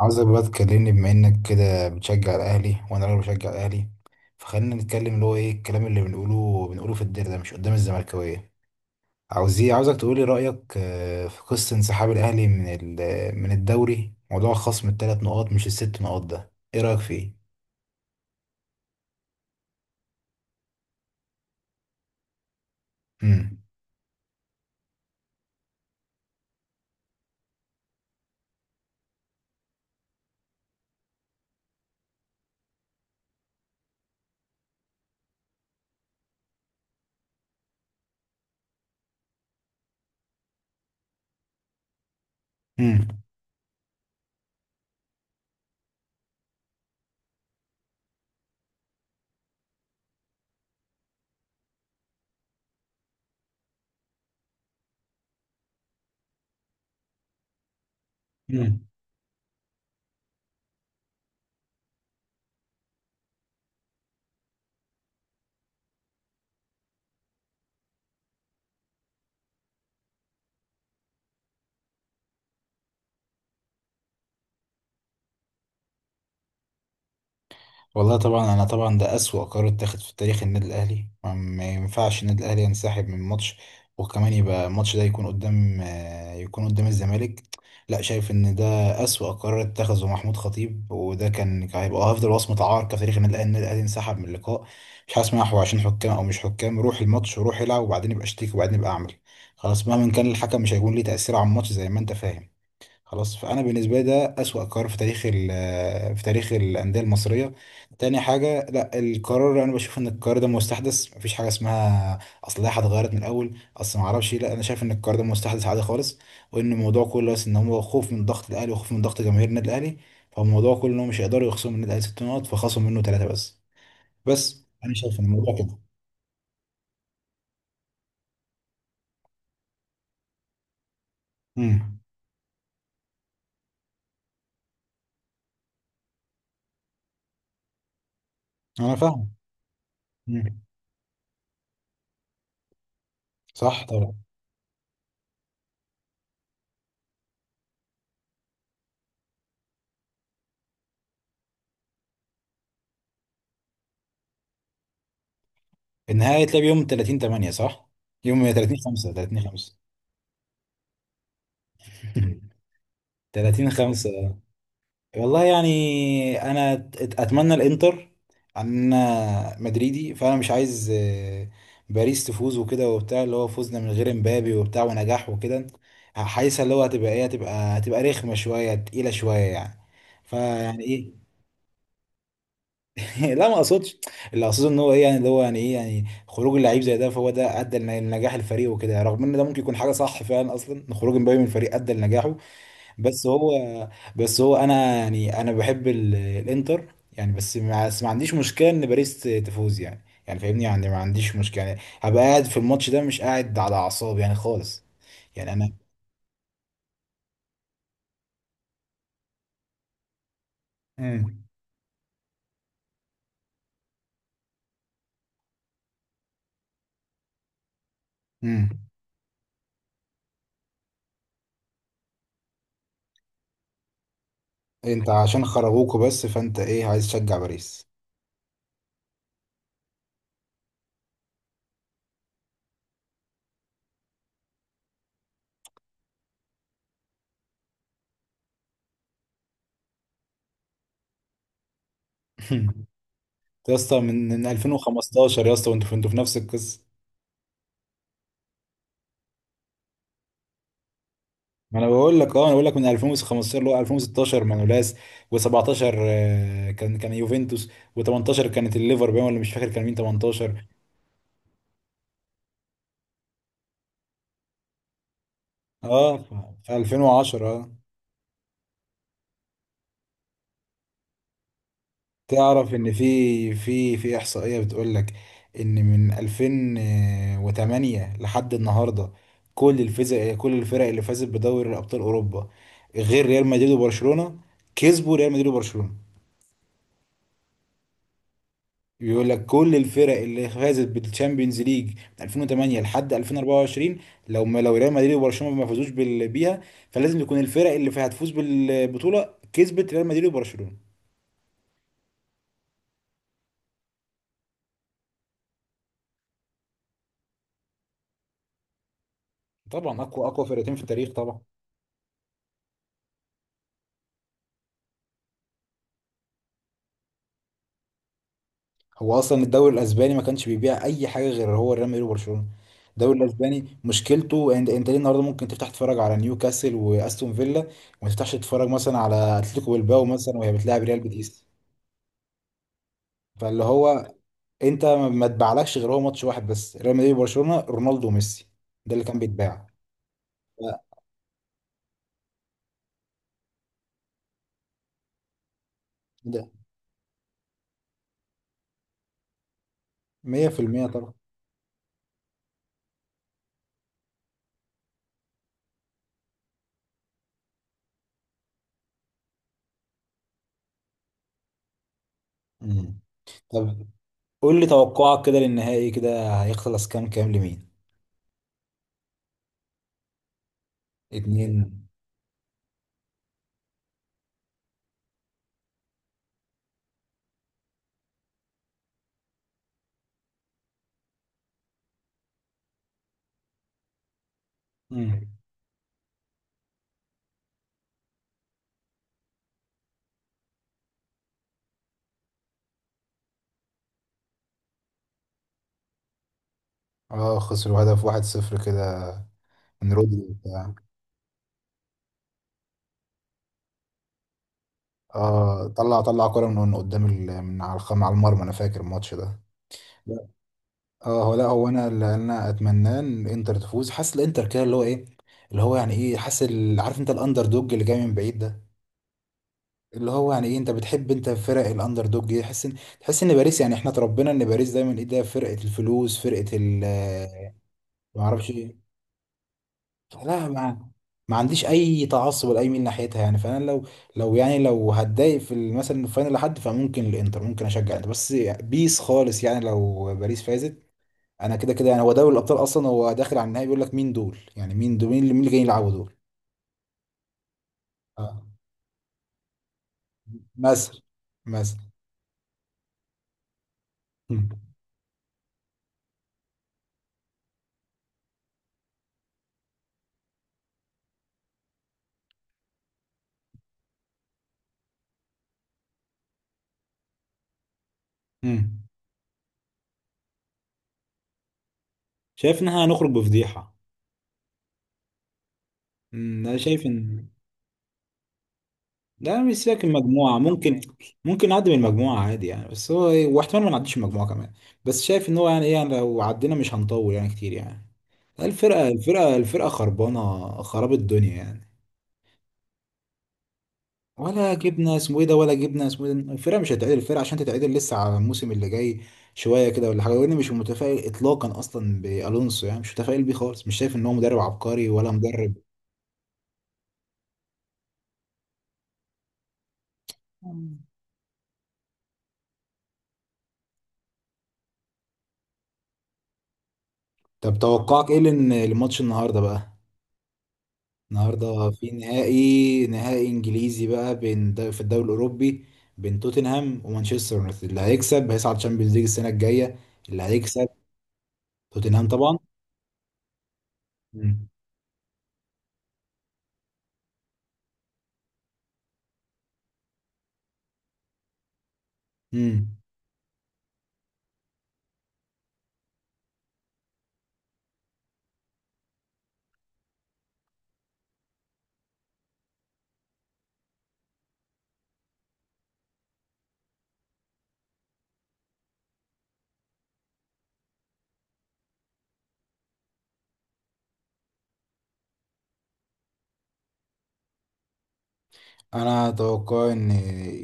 عاوزك بقى تكلمني بما انك كده بتشجع الاهلي وانا راجل بشجع الاهلي. فخلينا نتكلم اللي هو ايه الكلام اللي بنقوله في الدير ده، مش قدام الزملكاويه. عاوز ايه؟ عاوزك تقولي رايك، في قصه انسحاب الاهلي من الدوري، موضوع خصم الثلاث نقاط مش الست نقاط، ده ايه رايك فيه؟ امم. امم. والله طبعا، انا طبعا ده اسوأ قرار اتاخد في تاريخ النادي الاهلي. ما ينفعش النادي الاهلي ينسحب من ماتش، وكمان يبقى الماتش ده يكون قدام الزمالك. لا، شايف ان ده اسوأ قرار اتخذه محمود خطيب، وده كان هيبقى افضل وصمة عار في تاريخ النادي الاهلي. النادي الاهلي انسحب من اللقاء؟ مش هسمع. هو عشان حكام او مش حكام، روح الماتش وروح العب، وبعدين يبقى اشتكي وبعدين يبقى اعمل. خلاص، مهما كان الحكم مش هيكون ليه تأثير على الماتش، زي ما انت فاهم. خلاص. فانا بالنسبه لي ده اسوأ قرار في تاريخ الانديه المصريه. تاني حاجه، لا القرار، انا بشوف ان القرار ده مستحدث، مفيش حاجه اسمها اصل لائحه اتغيرت من الاول، اصل ما اعرفش إيه. لا، انا شايف ان القرار ده مستحدث عادي خالص، وان الموضوع كله بس ان هو خوف من ضغط الاهلي وخوف من ضغط جماهير النادي الاهلي. فالموضوع كله ان هم مش هيقدروا يخصموا من النادي الاهلي ست نقط فخصموا منه ثلاثه بس انا شايف ان الموضوع كده. امم. انا فاهم. امم. صح طبعا. النهائي هيتلعب يوم 30 8، صح؟ يوم 30 5. 30 5. 30 5. والله يعني، انا اتمنى الانتر، عن انا مدريدي، فانا مش عايز باريس تفوز وكده وبتاع، اللي هو فوزنا من غير امبابي وبتاع ونجاح وكده، حاسسها اللي هو هتبقى ايه، هتبقى رخمه شويه، تقيله شويه يعني. فيعني ايه. لا، ما اقصدش. اللي اقصده ان هو ايه يعني، اللي هو يعني ايه، يعني خروج اللعيب زي ده، فهو ده ادى لنجاح الفريق وكده، رغم ان ده ممكن يكون حاجه صح فعلا، اصلا ان خروج امبابي من الفريق ادى لنجاحه. بس هو بس هو انا يعني، انا بحب الانتر يعني، بس ما عنديش مشكله ان باريس تفوز يعني، يعني فاهمني يعني، ما عنديش مشكله. يعني هبقى قاعد في الماتش ده مش قاعد على اعصابي يعني خالص. يعني انا. امم. امم. انت عشان خرجوكوا بس فانت ايه؟ عايز تشجع باريس. يا اسطى، من 2015 يا اسطى، وانتوا انتوا في نفس القصه. ما انا بقول لك من 2015، اللي هو 2016 مانولاس، و17 كان يوفنتوس. و18 كانت الليفر باين، ولا مش فاكر كان مين 18. اه، في 2010. تعرف ان في احصائيه بتقول لك ان من 2008 لحد النهارده، كل الفرق اللي فازت بدوري الابطال اوروبا غير ريال مدريد وبرشلونه، كسبوا ريال مدريد وبرشلونه. بيقول لك كل الفرق اللي فازت بالتشامبيونز ليج من 2008 لحد 2024، لو ريال مدريد وبرشلونه ما فازوش بيها، فلازم يكون الفرق اللي فيها هتفوز بالبطوله كسبت ريال مدريد وبرشلونه. طبعا، اقوى فرقتين في التاريخ طبعا. هو اصلا الدوري الاسباني ما كانش بيبيع اي حاجه غير هو ريال مدريد وبرشلونه. الدوري الاسباني مشكلته، انت ليه النهارده ممكن تفتح تتفرج على نيوكاسل واستون فيلا، وما تفتحش تتفرج مثلا على اتلتيكو بالباو مثلا وهي بتلاعب ريال بيتيس. فاللي هو، انت ما اتباعلكش غير هو ماتش واحد بس، ريال مدريد وبرشلونه، رونالدو وميسي، ده اللي كان بيتباع. لا، ده 100% طبعا. مم. طب قول لي توقعك كده للنهائي، كده هيخلص كام كام لمين؟ اتنين. مم. اه، خسروا هدف واحد صفر كده، من رودري وبتاع. اه، طلع كرة من قدام من على على المرمى، انا فاكر الماتش ده. لا. اه هو لا هو انا اللي انا اتمناه ان انتر تفوز. حاسس الانتر كده اللي هو ايه، اللي هو يعني ايه، عارف انت الاندر دوج اللي جاي من بعيد ده، اللي هو يعني ايه، انت بتحب فرق الاندر دوج دي، تحس ان باريس يعني، احنا اتربينا ان باريس دايما ايه، ده فرقه الفلوس، فرقه ال آه، ما اعرفش ايه. لا، ما عنديش اي تعصب لاي ميل ناحيتها يعني. فانا لو لو يعني لو هتضايق في مثلا الفاينل لحد، فممكن الانتر، ممكن اشجع الانتر، بس بيس خالص يعني لو باريس فازت. انا كده كده يعني، هو دوري الابطال اصلا هو داخل على النهائي، بيقول لك مين دول يعني، مين دول، مين اللي جايين يلعبوا دول. آه. مثلا. مثلا. مم. مم. شايف ان احنا هنخرج بفضيحه. انا شايف ان، لا مش، سيبك من المجموعه، ممكن نعدي من المجموعه عادي يعني، بس هو ايه، واحتمال ما نعديش من المجموعه كمان. بس شايف ان هو يعني ايه، يعني لو عدينا مش هنطول يعني كتير يعني. الفرقه خربانه خراب الدنيا يعني. ولا جبنا اسمه ايه ده، ولا جبنا اسمه ايه ده، الفرقه مش هتتعدل. الفرقه عشان تتعدل لسه على الموسم اللي جاي شويه كده ولا حاجه. وانا مش متفائل اطلاقا، اصلا بالونسو يعني مش متفائل بيه خالص، مش شايف ان هو مدرب عبقري ولا مدرب. طب توقعك ايه للماتش النهارده بقى؟ النهارده في نهائي انجليزي بقى، في الدوري الاوروبي، بين توتنهام ومانشستر يونايتد. اللي هيكسب هيصعد تشامبيونز ليج السنه الجايه. اللي هيكسب؟ توتنهام طبعا. مم. مم. انا اتوقع ان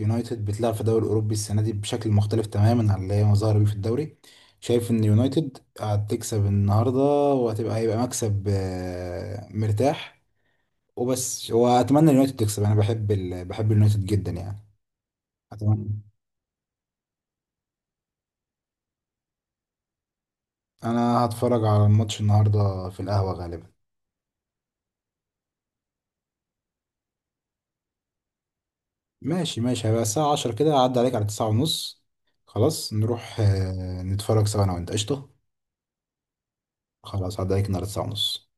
يونايتد بتلعب في الدوري الاوروبي السنه دي بشكل مختلف تماما عن اللي هي ظاهره بيه في الدوري. شايف ان يونايتد هتكسب النهارده، هيبقى مكسب مرتاح. وبس، واتمنى اليونايتد تكسب، انا بحب اليونايتد جدا يعني. اتمنى. انا هتفرج على الماتش النهارده في القهوه غالبا. ماشي ماشي، هيبقى الساعه 10 كده، هعدي عليك على 9 ونص. خلاص، نروح نتفرج سوا انا وانت، قشطه. خلاص هعدي عليك النهارده 9 ونص.